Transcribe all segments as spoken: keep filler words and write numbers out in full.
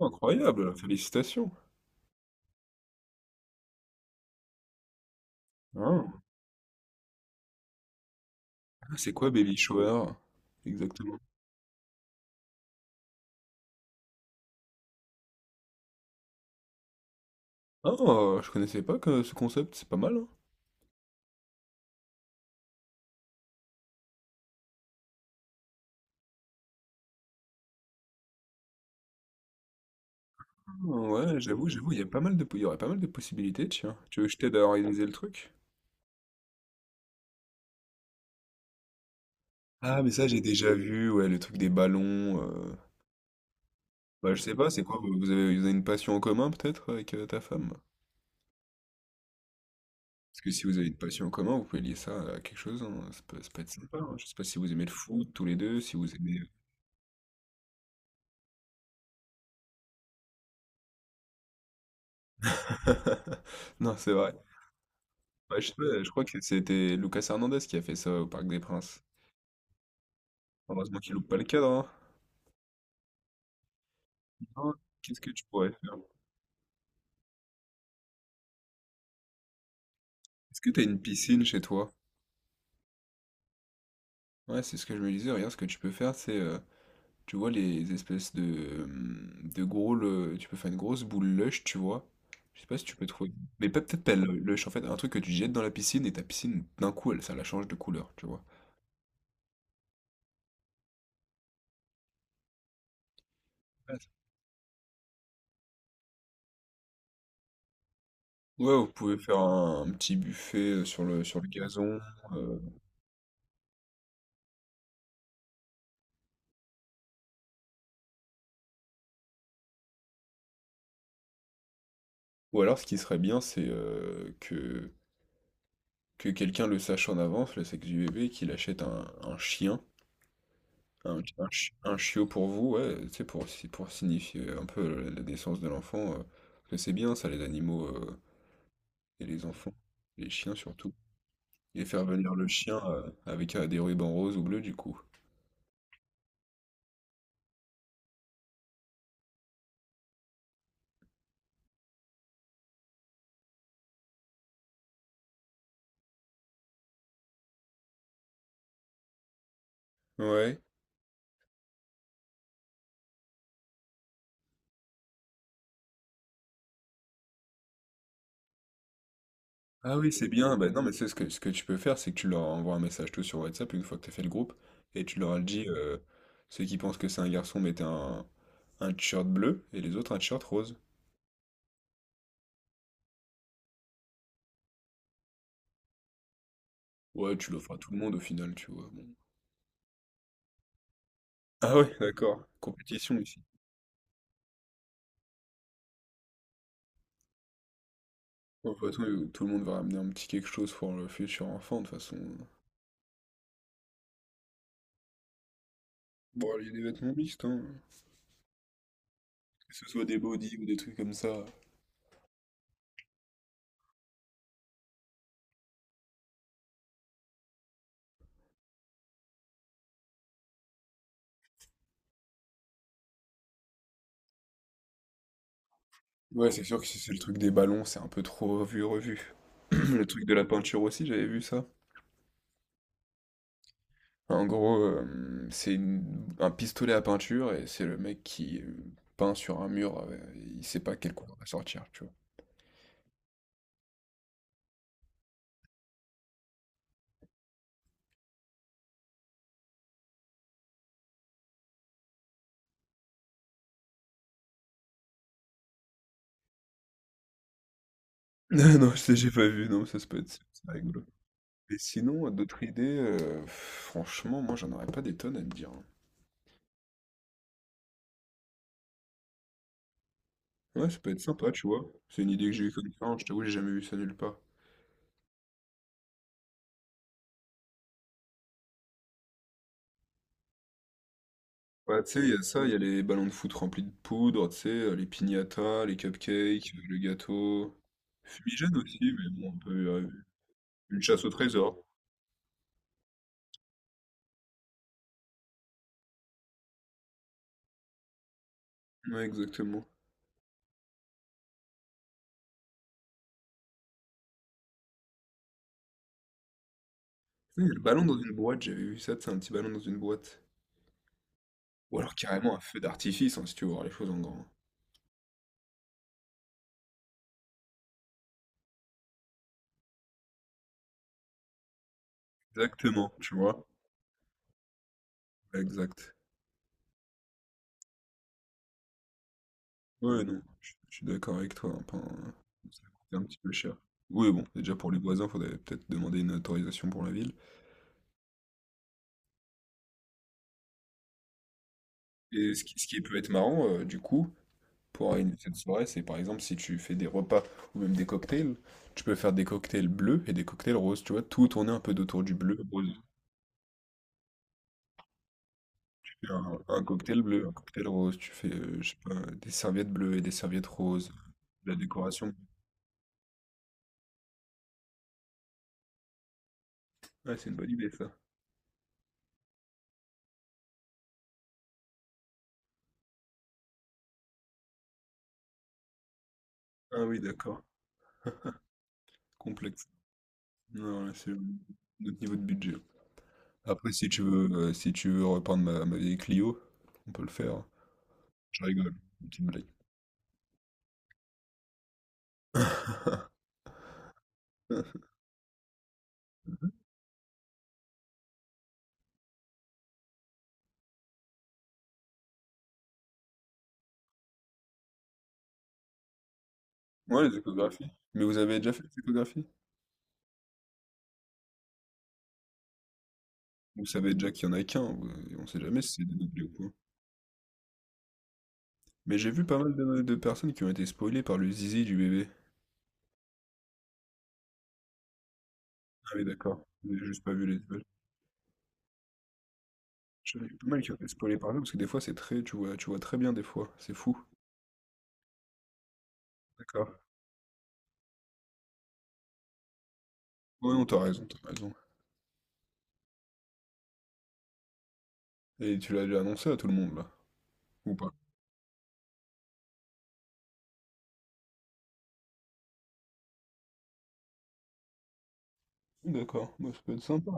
Incroyable, félicitations. Ah, c'est quoi baby shower? Exactement. Ah, je connaissais pas que ce concept, c'est pas mal, hein. Ah, ouais, j'avoue, j'avoue, il y a pas mal de, il y aurait pas mal de possibilités, tiens. Tu veux que je t'aide à organiser le truc? Ah, mais ça, j'ai déjà vu, ouais, le truc des ballons. euh. Bah, je sais pas, c'est quoi, vous vous avez, vous avez une passion en commun, peut-être, avec euh, ta femme? Parce que si vous avez une passion en commun, vous pouvez lier ça à quelque chose, hein. Ça peut, ça peut être sympa, hein. Je sais pas si vous aimez le foot, tous les deux, si vous aimez... Non, c'est vrai. Ouais, je, sais, pas, je crois que c'était Lucas Hernandez qui a fait ça au Parc des Princes. Heureusement qu'il loupe pas le cadre, hein. Non. Qu'est-ce que tu pourrais faire? Est-ce que t'as une piscine chez toi? Ouais, c'est ce que je me disais. Regarde, ce que tu peux faire, c'est... euh, tu vois les espèces de... euh, de gros... le- tu peux faire une grosse boule lush, tu vois. Je sais pas si tu peux trouver... Mais pas- peut-être pas le lush, en fait. Un truc que tu jettes dans la piscine et ta piscine, d'un coup, elle, ça la change de couleur, tu vois. Ouais, Ouais, vous pouvez faire un, un petit buffet euh, sur le, sur le gazon. euh, Ou alors, ce qui serait bien, c'est euh, que que quelqu'un le sache en avance, le sexe du bébé, qu'il achète un, un chien, un, un, chi- un chiot pour vous, ouais, tu sais, pour, si- pour signifier un peu la, la naissance de l'enfant, euh, parce que c'est bien ça, les animaux euh, et les enfants, les chiens surtout. Et faire venir le chien euh, avec euh, des rubans roses ou bleus, du coup. Ouais. Ah oui, c'est bien. Bah, non, mais c'est ce que, ce que tu peux faire, c'est que tu leur envoies un message tout sur WhatsApp une fois que tu as fait le groupe, et tu leur dis, euh, ceux qui pensent que c'est un garçon, mettez un, un t-shirt bleu, et les autres un t-shirt rose. Ouais, tu l'offres à tout le monde au final, tu vois. Bon. Ah ouais, d'accord. Compétition ici. Ouais, de toute façon, euh, tout le monde va ramener un petit quelque chose pour le futur enfant, de toute façon. Bon, il y a des vêtements mixtes, hein. Que ce soit des bodys ou des trucs comme ça. Ouais, c'est sûr que si c'est le truc des ballons, c'est un peu trop revu, revu. Le truc de la peinture aussi, j'avais vu ça. En gros, euh, c'est une- un pistolet à peinture et c'est le mec qui euh, peint sur un mur, euh, il sait pas quelle couleur va sortir, tu vois. Non, je l'ai j'ai pas vu, non, ça, ça peut être ça rigolo. Et sinon, d'autres idées, euh, franchement, moi, j'en aurais pas des tonnes à te dire, hein. Ouais, ça peut être sympa, tu vois. C'est une idée que j'ai eue comme ça, hein, je t'avoue, j'ai jamais vu ça nulle part. Ouais, tu sais, il y a ça, il y a les ballons de foot remplis de poudre, tu sais, euh, les piñatas, les cupcakes, euh, le gâteau. Fumigène aussi, mais bon, un peu euh, une chasse au trésor. Ouais, exactement. Tu sais, il y a le ballon dans une boîte, j'avais vu ça, c'est un petit ballon dans une boîte. Ou alors carrément un feu d'artifice, hein, si tu veux voir les choses en grand. Exactement, tu vois. Exact. Ouais, non, je je suis d'accord avec toi, hein, pas un- ça va coûter un petit peu cher. Oui, bon, déjà pour les voisins, faudrait peut-être demander une autorisation pour la ville. Et ce qui, ce qui peut être marrant, euh, du coup, pour organiser une soirée, c'est par exemple si tu fais des repas ou même des cocktails, tu peux faire des cocktails bleus et des cocktails roses, tu vois, tout tourner un peu autour du bleu, rose. Tu fais Un, un cocktail bleu, un cocktail rose, tu fais, euh, je sais pas, des serviettes bleues et des serviettes roses, de la décoration. Ouais, c'est une bonne idée ça. Ah oui, d'accord. Complexe. Non, là, c'est notre niveau de budget. Après, si tu veux, euh, si tu veux reprendre ma, ma vieille Clio, on peut le faire, hein. Je rigole, une petite blague. Ouais, les échographies. Mais vous avez déjà fait les échographies? Vous savez déjà qu'il y en a qu'un, vous- on sait jamais si c'est dédoublé ou pas. Mais j'ai vu pas mal de, de personnes qui ont été spoilées par le zizi du bébé. Ah oui, d'accord, j'ai juste pas vu les images. J'en ai vu pas mal qui ont été spoilées par ça, parce que des fois c'est très, tu vois, tu vois très bien des fois, c'est fou. D'accord. Ouais, non, t'as raison, t'as raison. Et tu l'as déjà annoncé à tout le monde, là, ou pas? D'accord, bah, ça peut être sympa.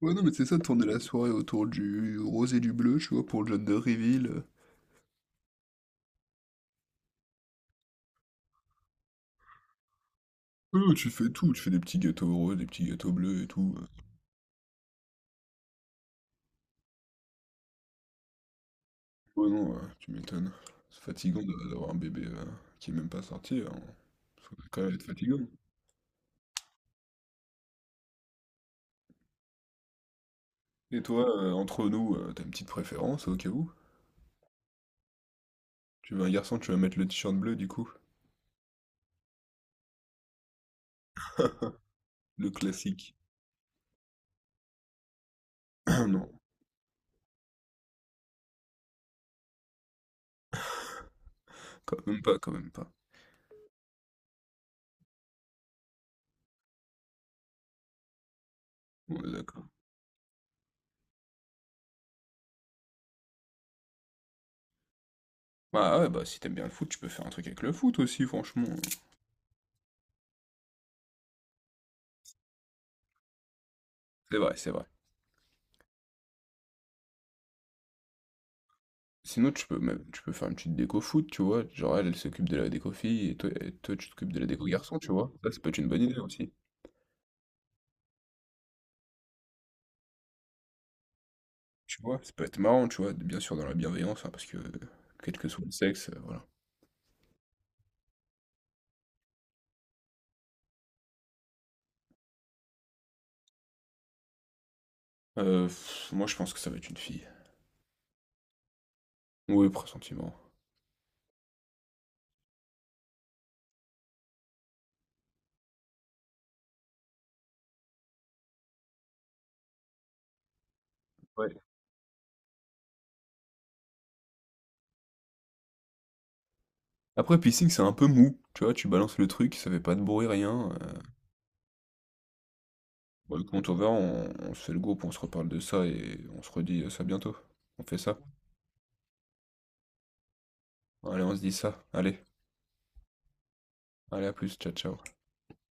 Ouais, non, mais c'est ça, de tourner la soirée autour du rose et du bleu, tu vois, pour le John de Reveal. euh. Non, tu fais tout, tu fais des petits gâteaux roses, des petits gâteaux bleus et tout. euh. Ouais, non, euh, tu m'étonnes. C'est fatigant de- d'avoir un bébé euh, qui est même pas sorti, hein. Ça doit quand même être fatigant. Et toi, euh, entre nous, euh, t'as une petite préférence au cas où? Tu veux un garçon, tu vas mettre le t-shirt bleu du coup? Le classique. Non, quand même pas, quand même pas. On est d'accord. Bah ouais, bah si t'aimes bien le foot, tu peux faire un truc avec le foot aussi, franchement. C'est vrai, c'est vrai. Sinon, tu peux même, tu peux faire une petite déco foot, tu vois. Genre, elle, elle s'occupe de la déco fille et toi, et toi, tu t'occupes de la déco garçon, tu vois. Ça, ça peut être une bonne idée aussi. Tu vois? Ça peut être marrant, tu vois, bien sûr dans la bienveillance, hein, parce que euh, quel que soit le sexe, heu, voilà. Heu, moi je pense que ça va être une fille. Oui, pressentiment. Ouais. Après piercing, c'est un peu mou, tu vois? Tu balances le truc, ça fait pas de bruit, rien, heu, bah, écoute, on verra, on on se fait le groupe, on se reparle de ça et on se redit, euh, ça bientôt. On fait ça? Allez, on se dit ça. Allez, allez à plus, ciao, ciao.